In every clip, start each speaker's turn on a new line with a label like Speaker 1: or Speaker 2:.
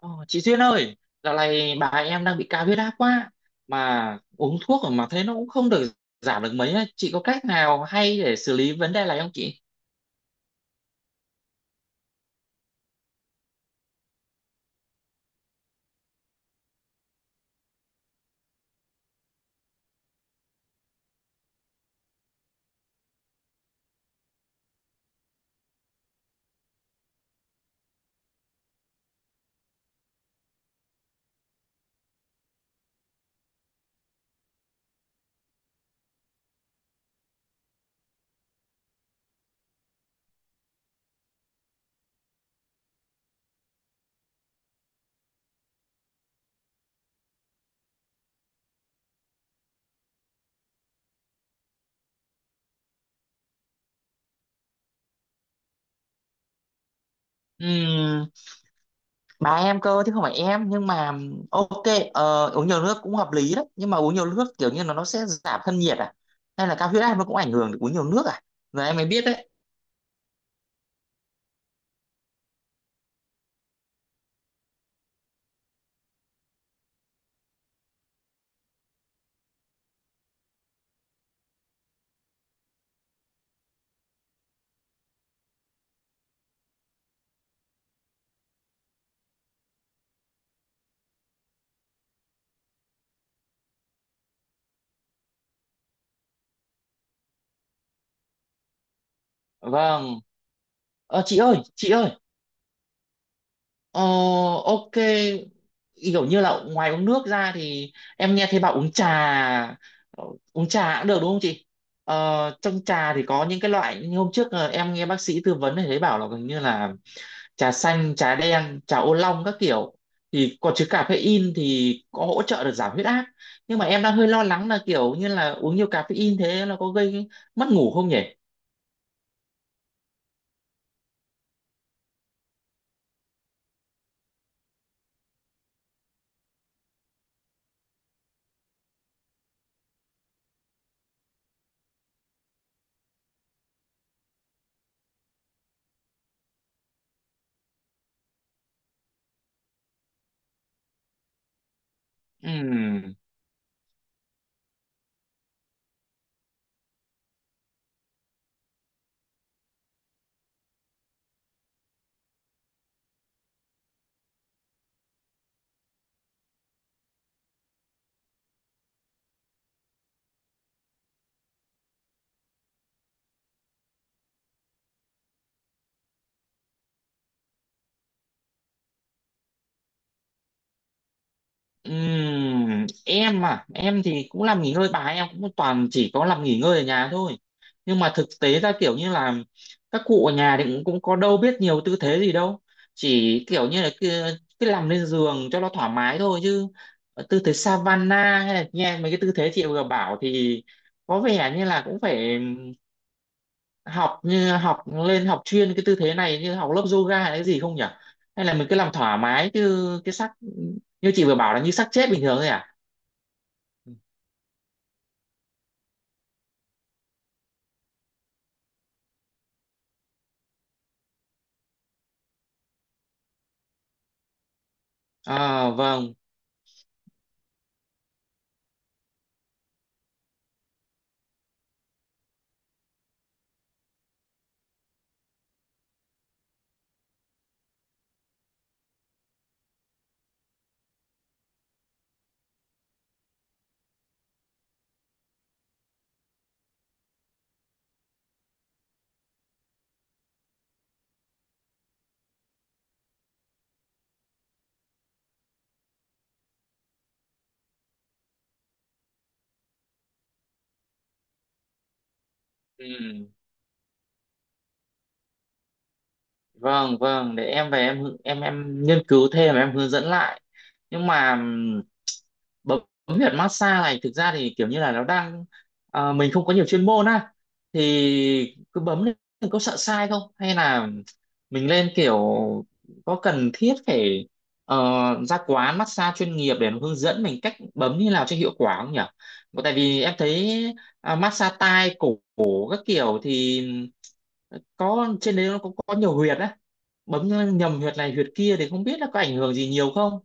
Speaker 1: Ờ, chị Duyên ơi, dạo này bà em đang bị cao huyết áp quá mà uống thuốc mà thấy nó cũng không được giảm được mấy á. Chị có cách nào hay để xử lý vấn đề này không chị? Ừm, bà em cơ chứ không phải em, nhưng mà ok, uống nhiều nước cũng hợp lý đấy, nhưng mà uống nhiều nước kiểu như là nó sẽ giảm thân nhiệt à, hay là cao huyết áp nó cũng ảnh hưởng được uống nhiều nước à? Giờ em mới biết đấy. Vâng. Chị ơi, chị ơi, Ờ, ok. Kiểu như là ngoài uống nước ra thì em nghe thấy bảo uống trà, ờ, uống trà cũng được đúng không chị? Ờ, trong trà thì có những cái loại như hôm trước, em nghe bác sĩ tư vấn thì thấy bảo là gần như là trà xanh, trà đen, trà ô long các kiểu thì có chứa caffeine thì có hỗ trợ được giảm huyết áp. Nhưng mà em đang hơi lo lắng là kiểu như là uống nhiều caffeine thế là có gây mất ngủ không nhỉ? Ừ. Em à, em thì cũng làm nghỉ ngơi, bài em cũng toàn chỉ có làm nghỉ ngơi ở nhà thôi, nhưng mà thực tế ra kiểu như là các cụ ở nhà thì cũng có đâu biết nhiều tư thế gì đâu, chỉ kiểu như là cứ nằm lên giường cho nó thoải mái thôi, chứ tư thế Savana hay là nghe mấy cái tư thế chị vừa bảo thì có vẻ như là cũng phải học như học lên học chuyên cái tư thế này như học lớp yoga hay cái gì không nhỉ, hay là mình cứ làm thoải mái chứ cái sắc như chị vừa bảo là như sắc chết bình thường thôi à? À vâng, ừ, vâng vâng, để em về em em nghiên cứu thêm em hướng dẫn lại. Nhưng mà bấm huyệt massage này thực ra thì kiểu như là nó đang, mình không có nhiều chuyên môn á, thì cứ bấm lên thì có sợ sai không, hay là mình lên kiểu có cần thiết phải ờ, ra quán massage chuyên nghiệp để nó hướng dẫn mình cách bấm như nào cho hiệu quả không nhỉ? Tại vì em thấy, massage tai cổ, cổ các kiểu thì có trên đấy nó có nhiều huyệt á, bấm nhầm huyệt này huyệt kia thì không biết là có ảnh hưởng gì nhiều không.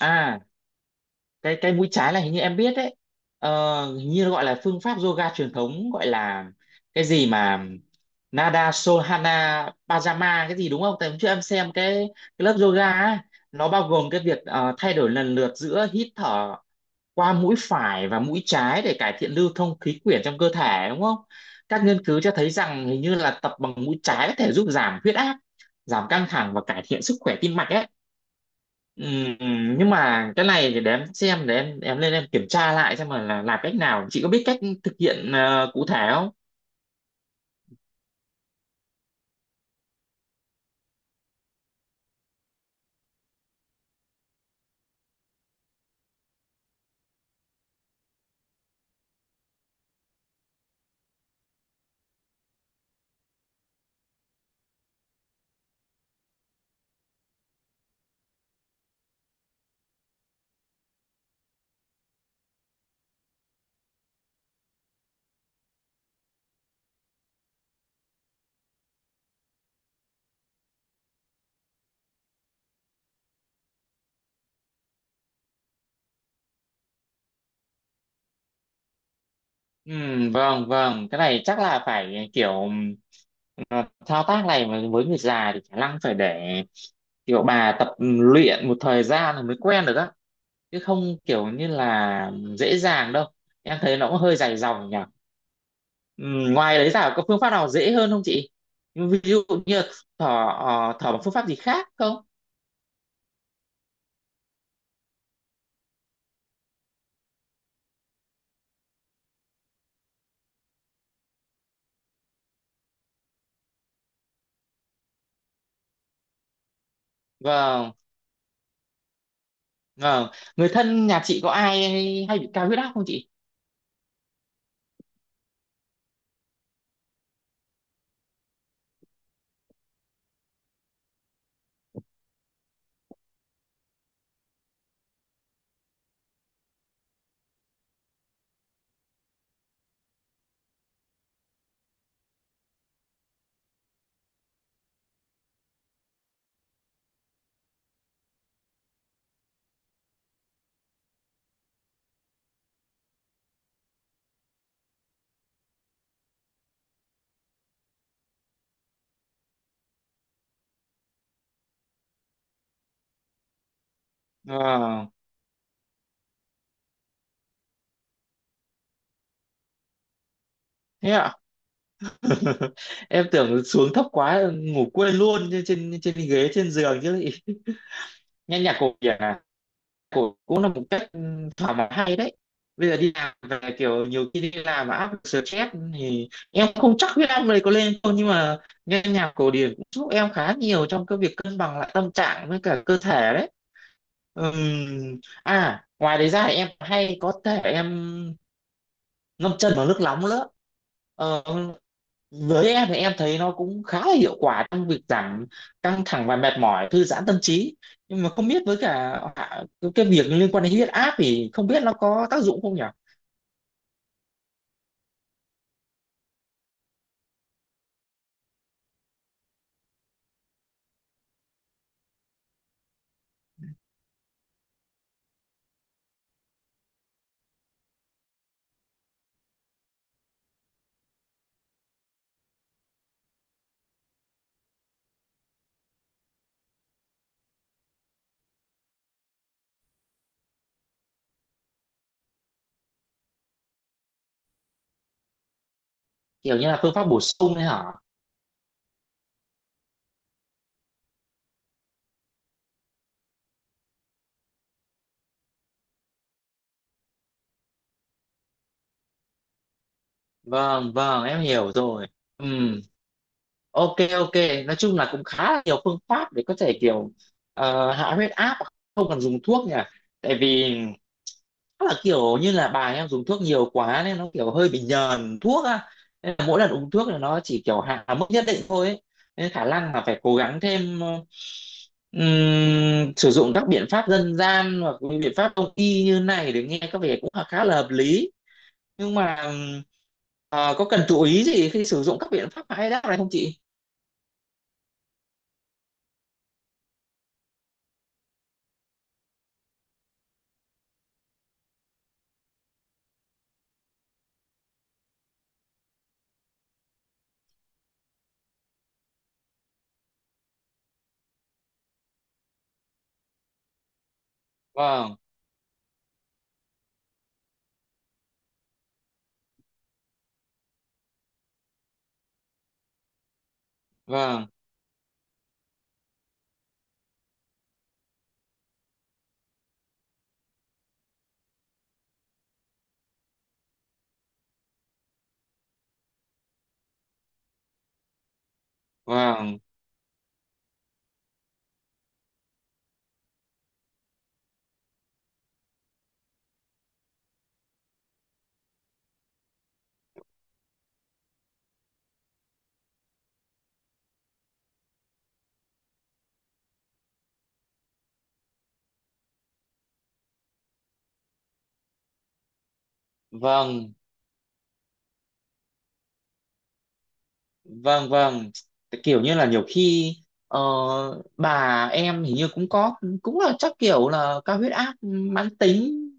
Speaker 1: À cái mũi trái là hình như em biết đấy, hình như nó gọi là phương pháp yoga truyền thống, gọi là cái gì mà Nada Sohana Pajama cái gì đúng không? Tại hôm trước em xem cái lớp yoga ấy, nó bao gồm cái việc thay đổi lần lượt giữa hít thở qua mũi phải và mũi trái để cải thiện lưu thông khí quyển trong cơ thể đúng không? Các nghiên cứu cho thấy rằng hình như là tập bằng mũi trái có thể giúp giảm huyết áp, giảm căng thẳng và cải thiện sức khỏe tim mạch ấy. Ừm, nhưng mà cái này thì để em xem, để em lên em kiểm tra lại xem mà là làm cách nào. Chị có biết cách thực hiện cụ thể không? Vâng vâng, cái này chắc là phải kiểu ờ, thao tác này mà với người già thì khả năng phải để kiểu bà tập luyện một thời gian rồi mới quen được á, chứ không kiểu như là dễ dàng đâu. Em thấy nó cũng hơi dài dòng nhỉ. Ngoài đấy ra có phương pháp nào dễ hơn không chị? Ví dụ như thở, thở bằng phương pháp gì khác không? Vâng. Ờ, Người thân nhà chị có ai hay bị cao huyết áp không chị? Ờ, thế ạ. Em tưởng xuống thấp quá ngủ quên luôn trên trên trên ghế, trên giường chứ. Nhanh nhạc cổ điển à? Cũng Cũng là một cách, ừ, thỏa mãn hay đấy. Bây giờ đi làm về kiểu nhiều khi đi làm mà áp lực stress thì em không chắc huyết áp này có lên không, nhưng mà nghe nhạc cổ điển cũng giúp em khá nhiều trong cái việc cân bằng lại tâm trạng với cả cơ thể đấy. Ngoài đấy ra thì em hay có thể em ngâm chân vào nước nóng nữa. Ờ, với em thì em thấy nó cũng khá là hiệu quả trong việc giảm căng thẳng và mệt mỏi, thư giãn tâm trí, nhưng mà không biết với cả cái việc liên quan đến huyết áp thì không biết nó có tác dụng không nhỉ. Kiểu như là phương pháp bổ sung đấy hả? Vâng vâng, em hiểu rồi. Ừm, ok ok, nói chung là cũng khá là nhiều phương pháp để có thể kiểu hạ huyết áp không cần dùng thuốc nhỉ. Tại vì chắc là kiểu như là bà em dùng thuốc nhiều quá nên nó kiểu hơi bị nhờn thuốc á, nên là mỗi lần uống thuốc là nó chỉ kiểu hạ mức nhất định thôi ấy. Nên khả năng là phải cố gắng thêm, sử dụng các biện pháp dân gian hoặc những biện pháp đông y như này để nghe có vẻ cũng là khá là hợp lý. Nhưng mà có cần chú ý gì khi sử dụng các biện pháp mà hay đáp này không chị? vâng vâng vâng vâng Vâng vâng, kiểu như là nhiều khi ờ, bà em hình như cũng có, cũng là chắc kiểu là cao huyết áp mãn tính,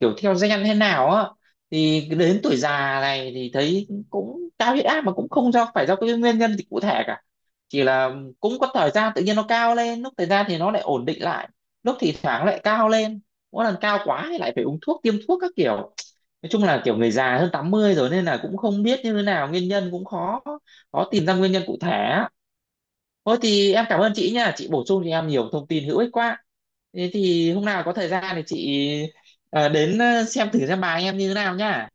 Speaker 1: kiểu theo gen thế nào á, thì đến tuổi già này thì thấy cũng cao huyết áp mà cũng không do phải do cái nguyên nhân gì cụ thể cả. Chỉ là cũng có thời gian tự nhiên nó cao lên, lúc thời gian thì nó lại ổn định lại, lúc thì thoảng lại cao lên, mỗi lần cao quá thì lại phải uống thuốc tiêm thuốc các kiểu. Nói chung là kiểu người già hơn 80 rồi nên là cũng không biết như thế nào, nguyên nhân cũng khó khó tìm ra nguyên nhân cụ thể á. Thôi thì em cảm ơn chị nha, chị bổ sung cho em nhiều thông tin hữu ích quá. Thế thì hôm nào có thời gian thì chị đến xem thử xem bài em như thế nào nha.